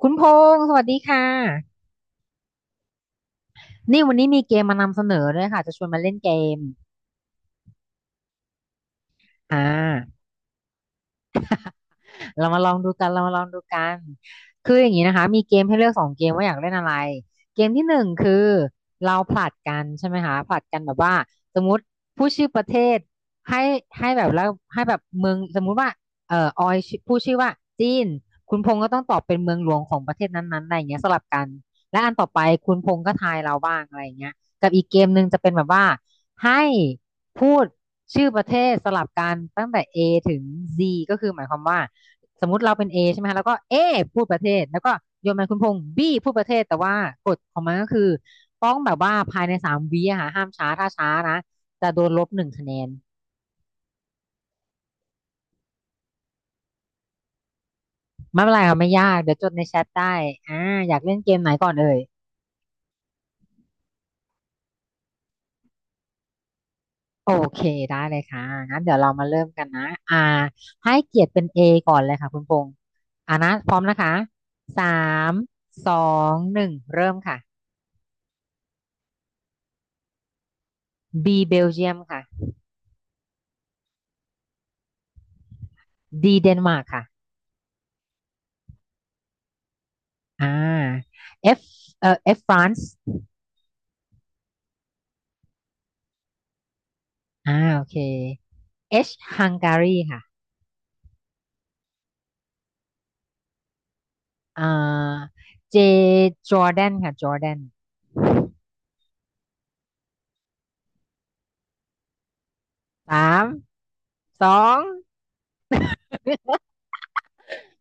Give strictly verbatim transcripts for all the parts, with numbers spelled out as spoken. คุณพงษ์สวัสดีค่ะ นี่วันนี้มีเกมมานำเสนอด้วยค่ะจะชวนมาเล่นเกมอ่า เรามาลองดูกันเรามาลองดูกัน คืออย่างนี้นะคะ มีเกมให้เลือกสองเกมว่าอยากเล่นอะไรเกมที่หนึ่งคือเราผลัดกันใช่ไหมคะผลัดกันแบบว่าสมมติผู้ชื่อประเทศให้ให้แบบแล้วให้แบบเมืองสมมุติว่าเอ่อออยชื่อผู้ชื่อว่าจีนคุณพงษ์ก็ต้องตอบเป็นเมืองหลวงของประเทศนั้นๆอะไรอย่างเงี้ยสลับกันและอันต่อไปคุณพงษ์ก็ทายเราบ้างอะไรอย่างเงี้ยกับอีกเกมหนึ่งจะเป็นแบบว่าให้พูดชื่อประเทศสลับกันตั้งแต่ A ถึง แซด ก็คือหมายความว่า สมมุติเราเป็น เอ ใช่ไหมคะแล้วก็ เอ พูดประเทศแล้วก็โยนมาคุณพงษ์ B พูดประเทศแต่ว่ากฎของมันก็คือต้องแบบว่าภายในสามวิอะค่ะห้ามช้าถ้าช้านะจะโดนลบหนึ่งคะแนนไม่เป็นไรค่ะไม่ยากเดี๋ยวจดในแชทได้อ่าอยากเล่นเกมไหนก่อนเอ่ยโอเคได้เลยค่ะงั้นเดี๋ยวเรามาเริ่มกันนะอ่าให้เกียรติเป็น A ก่อนเลยค่ะคุณพงษ์อ่านะพร้อมนะคะสามสองหนึ่งเริ่มค่ะ B เบลเยียมค่ะ ดี เดนมาร์กค่ะ อ่า เอฟ เอ่อ เอฟ France อ่าโอเค เอช Hungary ค่ะอ่า เจ Jordan ค่ะ Jordan สามสอง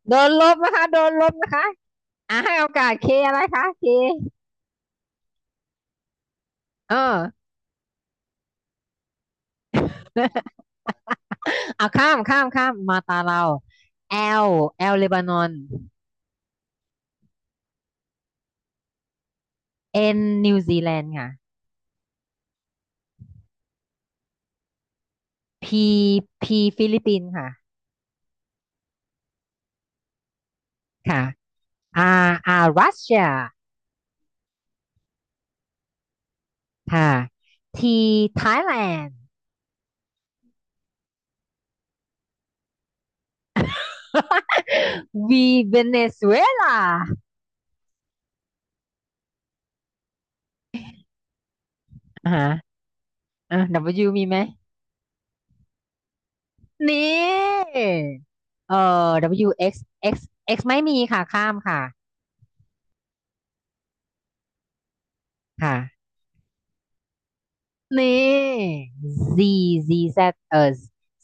โดนลบนะคะโดนลบนะคะอ่าให้โอกาส K อะไรคะ เค เออ เอาข้ามข้ามข้ามมาตาเรา L แอล เลบานอน เอ็น นิวซีแลนด์ค่ะ P P ฟิลิปปินส์ค่ะค่ะ R R รัสเซียค่ะ ที ไทยแลนด์ วี เวเนซุเอลาอ่าฮะอ่ะ W มีไหมนี่เอ่อ ดับเบิลยู เอ็กซ์ X X ไม่มีค่ะข้ามค่ะค่ะนี่ Z Z Z เอ่อ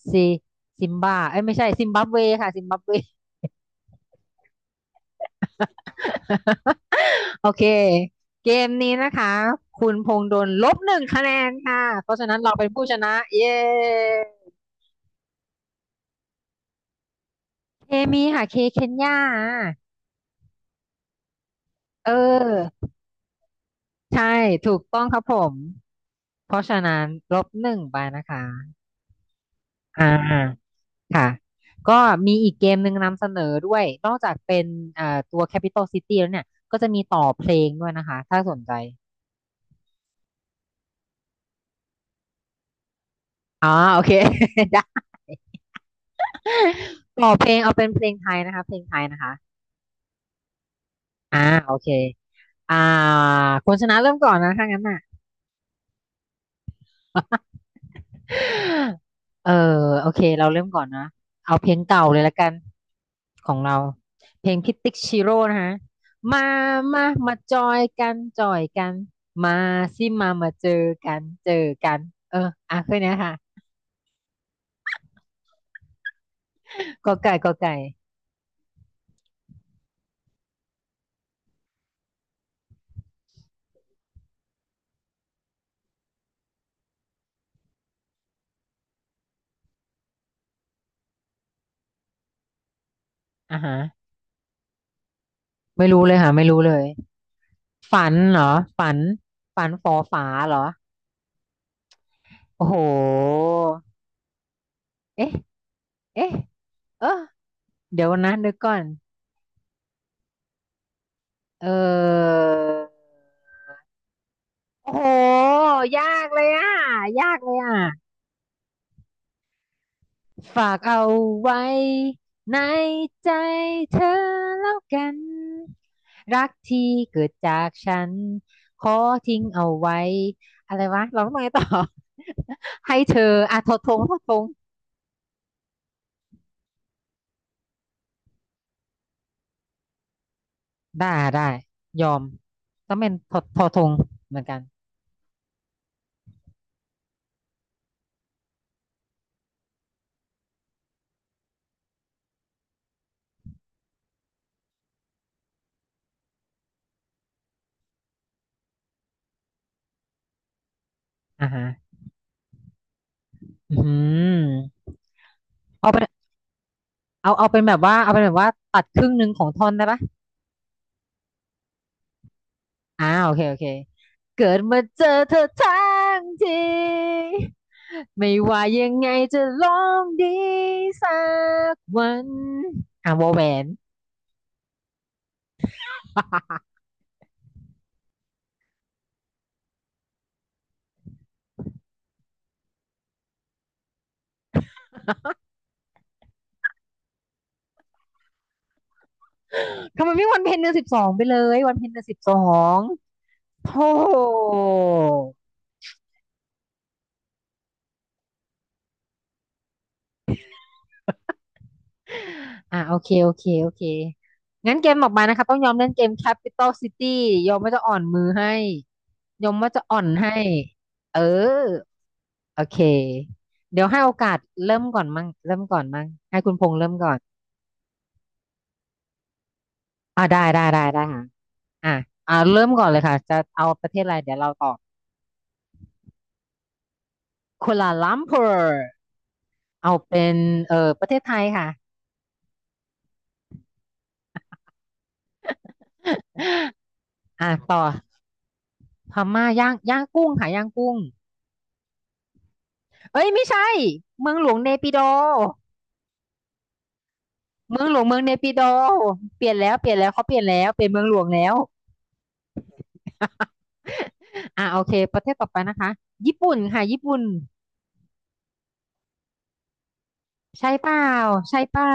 แซด ซิมบาเอ้ยไม่ใช่ซิมบับเวค่ะซิมบับเว โอเคเกมนี้นะคะคุณพงษ์โดนลบหนึ่งคะแนนค่ะเพราะฉะนั้นเราเป็นผู้ชนะเย้เคมีค่ะเคเคนยาเออ ใช่ถูกต้องครับผมเพราะฉะนั้นลบหนึ่งไปนะคะอ่าค่ะก็มีอีกเกมหนึ่งนำเสนอด้วยนอกจากเป็นเอ่อตัว Capital City แล้วเนี่ยก็จะมีต่อเพลงด้วยนะคะถ้าสนใจอ่อโอเค ได้ต่อเพลงเอาเป็นเพลงไทยนะคะเพลงไทยนะคะอ่าโอเคอ่าคนชนะเริ่มก่อนนะถ้างั้นน่ะ เออโอเคเราเริ่มก่อนนะเอาเพลงเก่าเลยละกันของเราเพลงพิติกชิโร่นะฮะมามามาจอยกันจอยกันมาสิมามาเจอกันเจอกันเอออ่ะแคืนนี้ยค่ะกอไก่กอไก่อ่ะฮะไม่รู้เลยค่ะไม่รู้เลยฝันเหรอฝันฝันฝอฝาเหรอโอ้โหเอ๊ะเอ๊ะเออเดี๋ยวนะเดี๋ยวก่อนเออ โอ้โหยากเลยอ่ะ ยากเลยอ่ะ ฝากเอาไว้ในใจเธอแล้วกันรักที่เกิดจากฉันขอทิ้งเอาไว้อะไรวะเราต้องไงต่อ ให้เธออ่ะทอทงทอทงได้ได้ยอมต้องเป็นทอทอทงเหมือนกันอ่าฮะอืมเอาเป็นเอาเอาเป็นแบบว่าเอาเป็นแบบว่าตัดครึ่งหนึ่งของท่อนได้ปะ อ่าโอเคโอเคเกิดมาเจอเธอทั้งทีไม่ว่ายังไงจะลองดีสักวันอ่าวอแหวน ทำไมไม่วันเพ็ญเดือนสิบสองไปเลยวันเพ็ญเดือนสิบสองโธ่อ่ะโอเคโอเคโอเคงั้นเกมออกมานะคะต้องยอมเล่นเกม Capital City ยอมว่าจะอ่อนมือให้ยอมว่าจะอ่อนให้เออ โอเคเดี๋ยวให้โอกาสเริ่มก่อนมั่งเริ่มก่อนมั่งให้คุณพงษ์เริ่มก่อนอ่าได้ได้ได้ได้ค่ะอ่ะอ่าเริ่มก่อนเลยค่ะจะเอาประเทศอะไรเดี๋ยวเราตอบกัวลาลัมเปอร์เอาเป็นเออประเทศไทยค่ะอ่ะต่อพม่าย่างย่างกุ้งค่ะย่างกุ้งเอ้ยไม่ใช่เมืองหลวงเนปิดอเมืองหลวงเมืองเนปิดอเปลี่ยนแล้วเปลี่ยนแล้วเขาเปลี่ยนแล้วเป็นเมืองหลวงแล้ว อ่ะโอเคประเทศต่อไปนะคะญี่ปุ่นค่ะญี่ปุ่นใช่เปล่าใช่เปล่า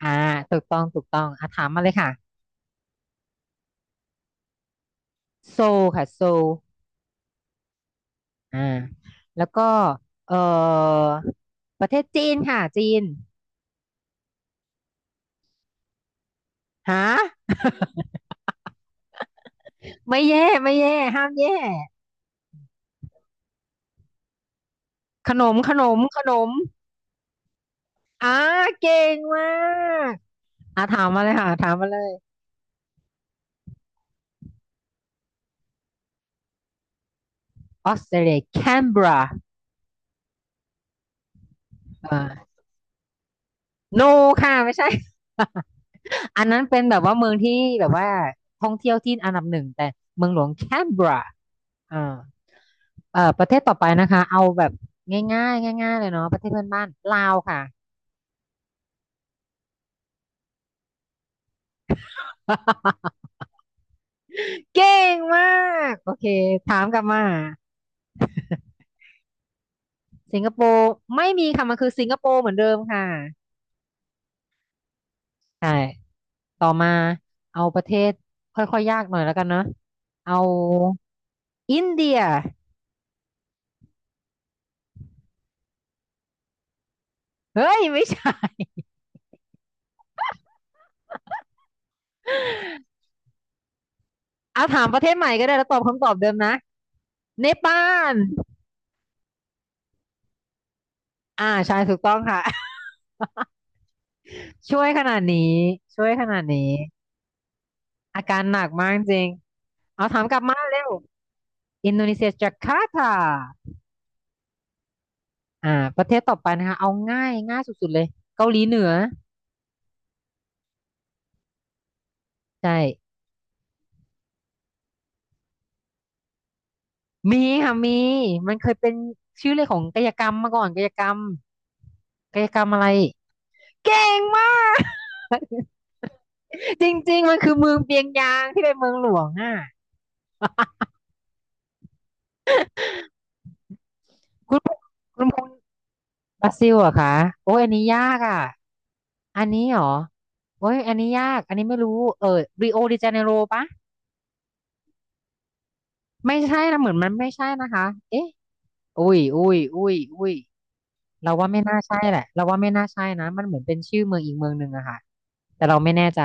อ่าถูกต้องถูกต้องอ่ะถามมาเลยค่ะโซลค่ะโซลอ่าแล้วก็เอ่อประเทศจีนค่ะจีนฮะไม่แย่ไม่แย่ห้ามแย่ขนมขนมขนมอ่าเก่งมากอ่ะถามมาเลยค่ะถามมาเลยออสเตรเลียแคนเบราอ่าโนค่ะไม่ใช่ อันนั้นเป็นแบบว่าเมืองที่แบบว่าท่องเที่ยวที่อันดับหนึ่งแต่เมืองหลวงแคนเบราอ่า เอ่อประเทศต่อไปนะคะเอาแบบง่ายๆง่ายๆเลยเนาะประเทศเพื่อนบ้านลาวค่ะ เก่งมากโอเคถามกลับมาสิงคโปร์ไม่มีค่ะมันคือสิงคโปร์เหมือนเดิมค่ะใช่ต่อมาเอาประเทศค่อยๆยากหน่อยแล้วกันเนาะเอาอินเดียเฮ้ยไม่ใช่ เอาถามประเทศใหม่ก็ได้แล้วตอบคำตอบเดิมนะเนปาลอ่าใช่ถูกต้องค่ะ ช่วยขนาดนี้ช่วยขนาดนี้อาการหนักมากจริง เอาถามกลับมาเร็วอินโดนีเซียจาการ์ตาอ่าประเทศต่อไปนะคะเอาง่ายง่ายสุดๆเลยเกาหลีเหนือใช่มีค่ะมีมันเคยเป็นชื่อเลยของกายกรรมมาก่อนกายกรรมกายกรรมอะไรเก่งมาก จริงๆมันคือเมืองเปียงยางที่เป็นเมืองหลวงอ่ะคุณพงคุณพงษ์บราซิลเหรอะคะโอ้ยอันนี้ยากอ่ะอันนี้เหรอโอ้ยอันนี้ยากอันนี้ไม่รู้เออริโอเดจาเนโรปะไม่ใช่นะเหมือนมันไม่ใช่นะคะเอ๊ะ อุ้ยอุ้ยอุ้ยอุ้ยเราว่าไม่น่าใช่แหละเราว่าไม่น่าใช่นะมันเหมือนเป็นชื่อเมืองอีกเมืองหนึ่งอะค่ะแต่เราไม่แน่ใจ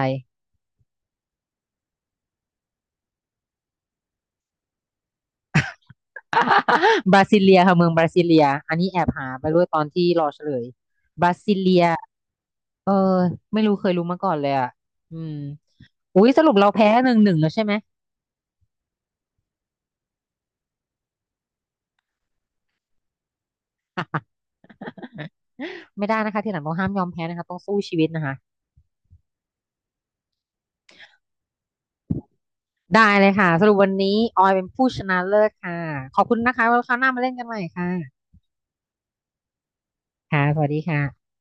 บราซิเลียค่ะเมืองบราซิเลียอันนี้แอบหาไปด้วยตอนที่รอเฉลยบราซิเลียเออไม่รู้เคยรู้มาก่อนเลยอะอืมอุ้ยสรุปเราแพ้หนึ่งหนึ่งแล้วใช่ไหม ไม่ได้นะคะทีหลังต้องห้ามยอมแพ้นะคะต้องสู้ชีวิตนะคะได้เลยค่ะสรุปวันนี้ออยเป็นผู้ชนะเลิศค่ะขอบคุณนะคะไว้คราวหน้ามาเล่นกันใหม่ค่ะค่ะสวัสดีค่ะ